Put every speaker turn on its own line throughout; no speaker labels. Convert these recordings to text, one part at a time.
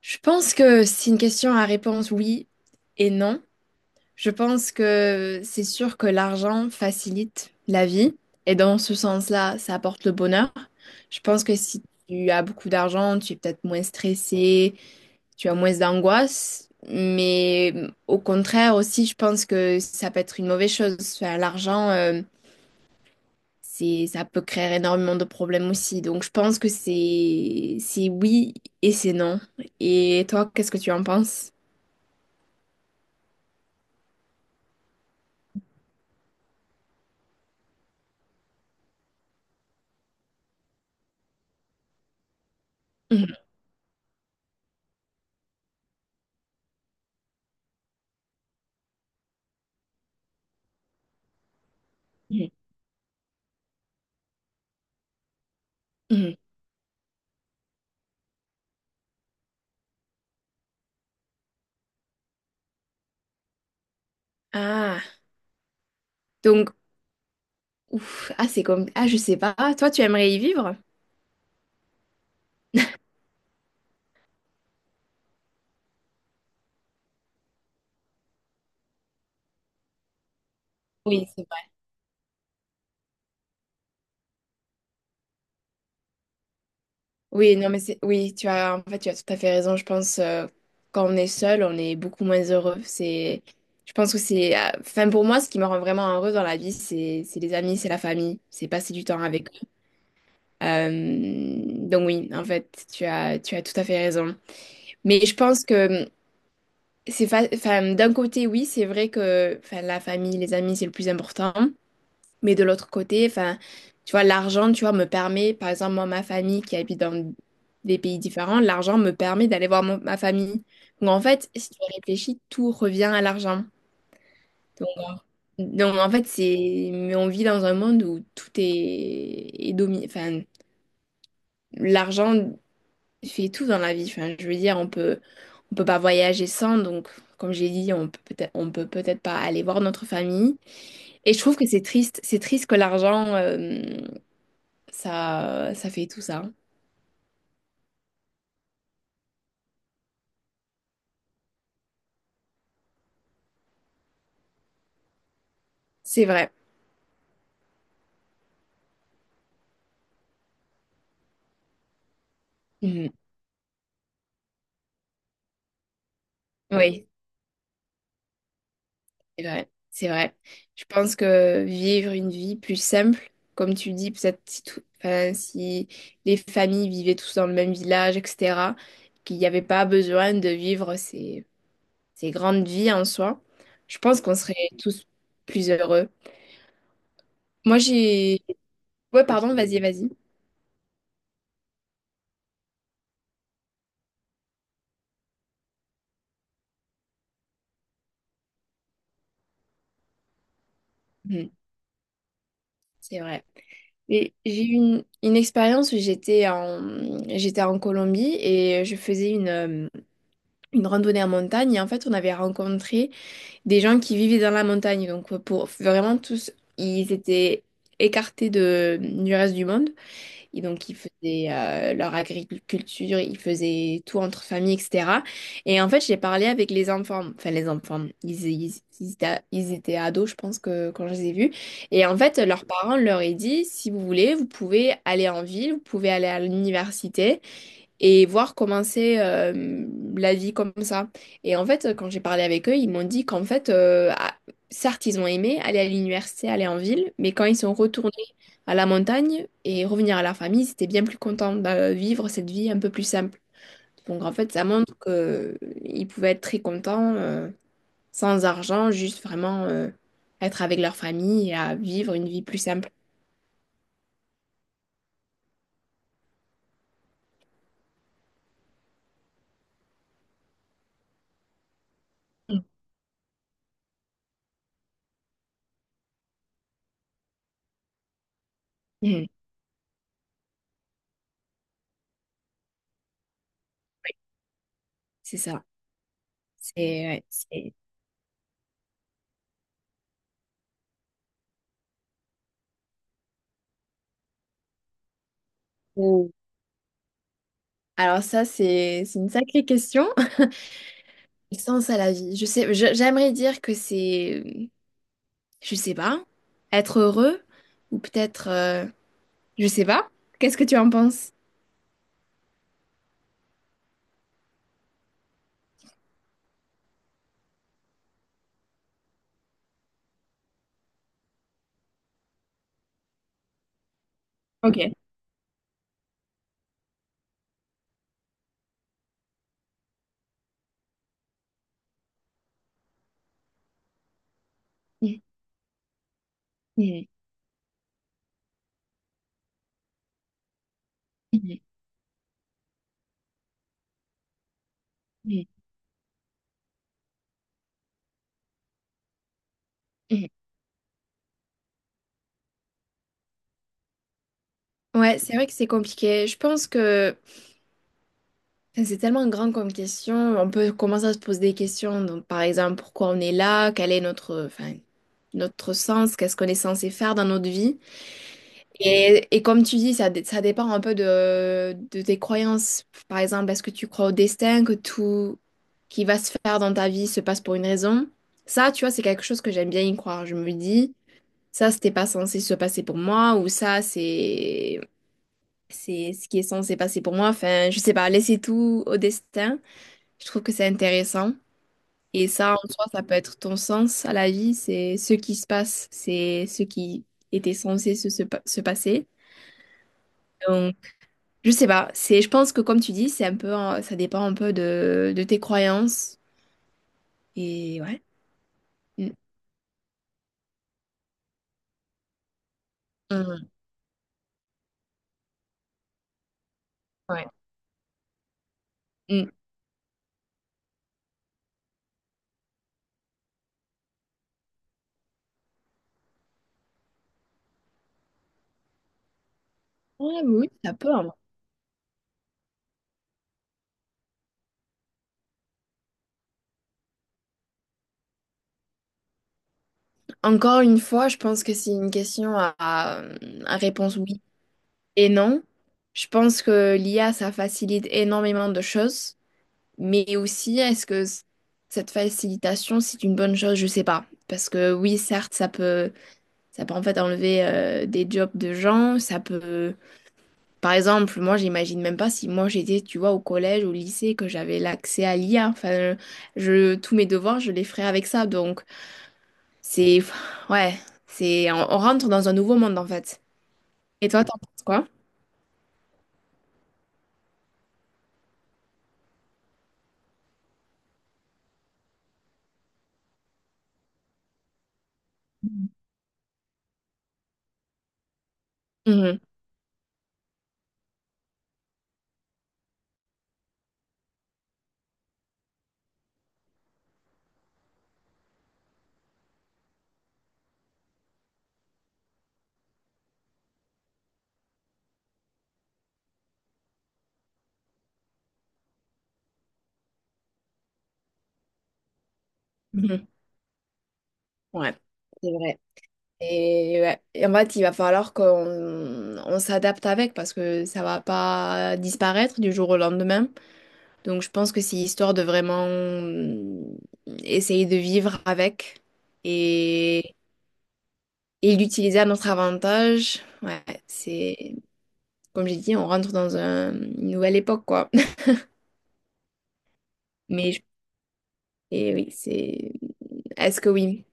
Je pense que c'est une question à réponse oui et non. Je pense que c'est sûr que l'argent facilite la vie et dans ce sens-là, ça apporte le bonheur. Je pense que si tu as beaucoup d'argent, tu es peut-être moins stressé, tu as moins d'angoisse, mais au contraire aussi, je pense que ça peut être une mauvaise chose. Enfin, l'argent, ça peut créer énormément de problèmes aussi. Donc, je pense que c'est oui et c'est non. Et toi, qu'est-ce que tu en penses? Mhm, mhm, mhm. Ah, donc, ouf, ah, c'est comme, ah, je sais pas. Toi, tu aimerais y vivre? Oui, c'est vrai. Oui, non, mais oui, en fait, tu as tout à fait raison. Je pense, quand on est seul, on est beaucoup moins heureux. Je pense que enfin, pour moi, ce qui me rend vraiment heureuse dans la vie, c'est les amis, c'est la famille, c'est passer du temps avec eux. Euh, donc oui, en fait, tu as tout à fait raison. Mais je pense que enfin, d'un côté, oui, c'est vrai que enfin, la famille, les amis, c'est le plus important. Mais de l'autre côté, enfin, tu vois, l'argent, tu vois, me permet, par exemple, moi, ma famille qui habite dans des pays différents, l'argent me permet d'aller voir ma famille. Donc en fait, si tu réfléchis, tout revient à l'argent. Donc, donc, en fait, mais on vit dans un monde où tout est dominé enfin, l'argent. Il fait tout dans la vie. Enfin, je veux dire, on peut pas voyager sans. Donc, comme j'ai dit, on peut peut-être pas aller voir notre famille. Et je trouve que c'est triste. C'est triste que l'argent, ça fait tout ça. C'est vrai. Mhm. Oui, c'est vrai. C'est vrai. Je pense que vivre une vie plus simple, comme tu dis, peut-être si tout, enfin, si les familles vivaient tous dans le même village, etc., qu'il n'y avait pas besoin de vivre ces grandes vies en soi, je pense qu'on serait tous plus heureux. Moi, j'ai... Ouais, pardon, vas-y, vas-y. Mhm, c'est vrai. Et j'ai eu une expérience où j'étais en Colombie et je faisais une randonnée en montagne. Et en fait, on avait rencontré des gens qui vivaient dans la montagne. Donc, pour vraiment tous, ils étaient écartés du reste du monde. Et donc, ils faisaient leur agriculture, ils faisaient tout entre famille, etc. Et en fait, j'ai parlé avec les enfants, enfin les enfants, ils étaient ados, je pense, que, quand je les ai vus. Et en fait, leurs parents leur ont dit, si vous voulez, vous pouvez aller en ville, vous pouvez aller à l'université et voir commencer la vie comme ça. Et en fait, quand j'ai parlé avec eux, ils m'ont dit qu'en fait, ah, certes, ils ont aimé aller à l'université, aller en ville, mais quand ils sont retournés à la montagne et revenir à leur famille, ils étaient bien plus contents de vivre cette vie un peu plus simple. Donc en fait, ça montre qu'ils pouvaient être très contents, sans argent, juste vraiment être avec leur famille et à vivre une vie plus simple. Mhm. Mhm. Oui, c'est ça. C'est ouais, c'est- Alors ça, c'est une sacrée question. Le sens à la vie. Je sais, j'aimerais dire que c'est, je sais pas, être heureux ou peut-être, je sais pas. Qu'est-ce que tu en penses? Ok. Mhm, mhm, mhm, mhm, mhm. Ouais, c'est vrai que c'est compliqué. Je pense que enfin, c'est tellement grand comme question. On peut commencer à se poser des questions. Donc, par exemple, pourquoi on est là? Quel est notre, enfin, notre sens? Qu'est-ce qu'on est censé faire dans notre vie? Et comme tu dis, ça, ça dépend un peu de tes croyances. Par exemple, est-ce que tu crois au destin, que tout qui va se faire dans ta vie se passe pour une raison? Ça, tu vois, c'est quelque chose que j'aime bien y croire. Je me dis, ça, c'était pas censé se passer pour moi, ou ça, c'est ce qui est censé passer pour moi. Enfin, je sais pas, laisser tout au destin, je trouve que c'est intéressant. Et ça, en soi, ça peut être ton sens à la vie, c'est ce qui se passe, c'est ce qui était censé se passer. Je sais pas, je pense que comme tu dis, c'est un peu, ça dépend un peu de tes croyances. Et ouais. Mm. Mm. Ouais. Mm. Ouais, oui, ça peut, hein. Encore une fois, je pense que c'est une question à réponse oui et non. Je pense que l'IA, ça facilite énormément de choses, mais aussi, est-ce que cette facilitation, c'est une bonne chose? Je sais pas. Parce que oui, certes, ça peut en fait enlever des jobs de gens, ça peut. Par exemple, moi, j'imagine même pas si moi j'étais, tu vois, au collège, au lycée, que j'avais l'accès à l'IA. Enfin, tous mes devoirs, je les ferais avec ça. Donc, c'est, ouais, on rentre dans un nouveau monde en fait. Et toi, t'en penses quoi? Mhm. Mhm. Ouais, c'est vrai. Et, ouais. Et en fait, il va falloir qu'on s'adapte avec parce que ça va pas disparaître du jour au lendemain. Donc, je pense que c'est histoire de vraiment essayer de vivre avec. et et l'utiliser à notre avantage. Ouais, c'est, comme j'ai dit, on rentre dans une nouvelle époque, quoi. Mais et oui, c'est. Est-ce que oui?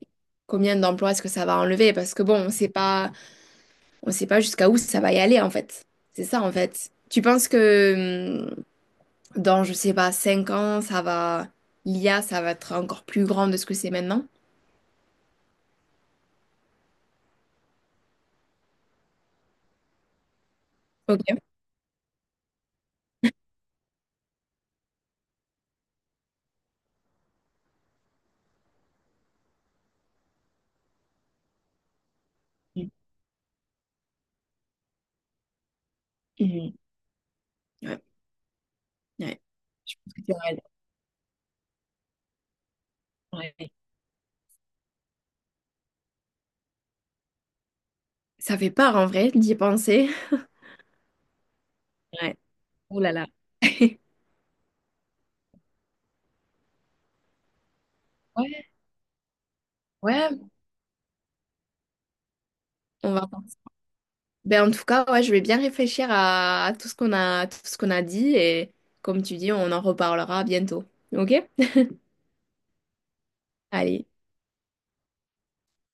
Combien d'emplois est-ce que ça va enlever? Parce que bon, on sait pas jusqu'à où ça va y aller en fait. C'est ça en fait. Tu penses que dans, je sais pas, 5 ans, ça va, l'IA, ça va être encore plus grand de ce que c'est maintenant? Ok. Mhm. Mhm. Ouais, ouais. Je pense que tu as raison. Ouais. Ça fait peur en vrai d'y penser. Ouais. Oh là là. Ouais. Ouais, on va penser. Ben, en tout cas, ouais, je vais bien réfléchir à tout ce qu'on a, tout ce qu'on a dit et comme tu dis, on en reparlera bientôt. Ok? Allez.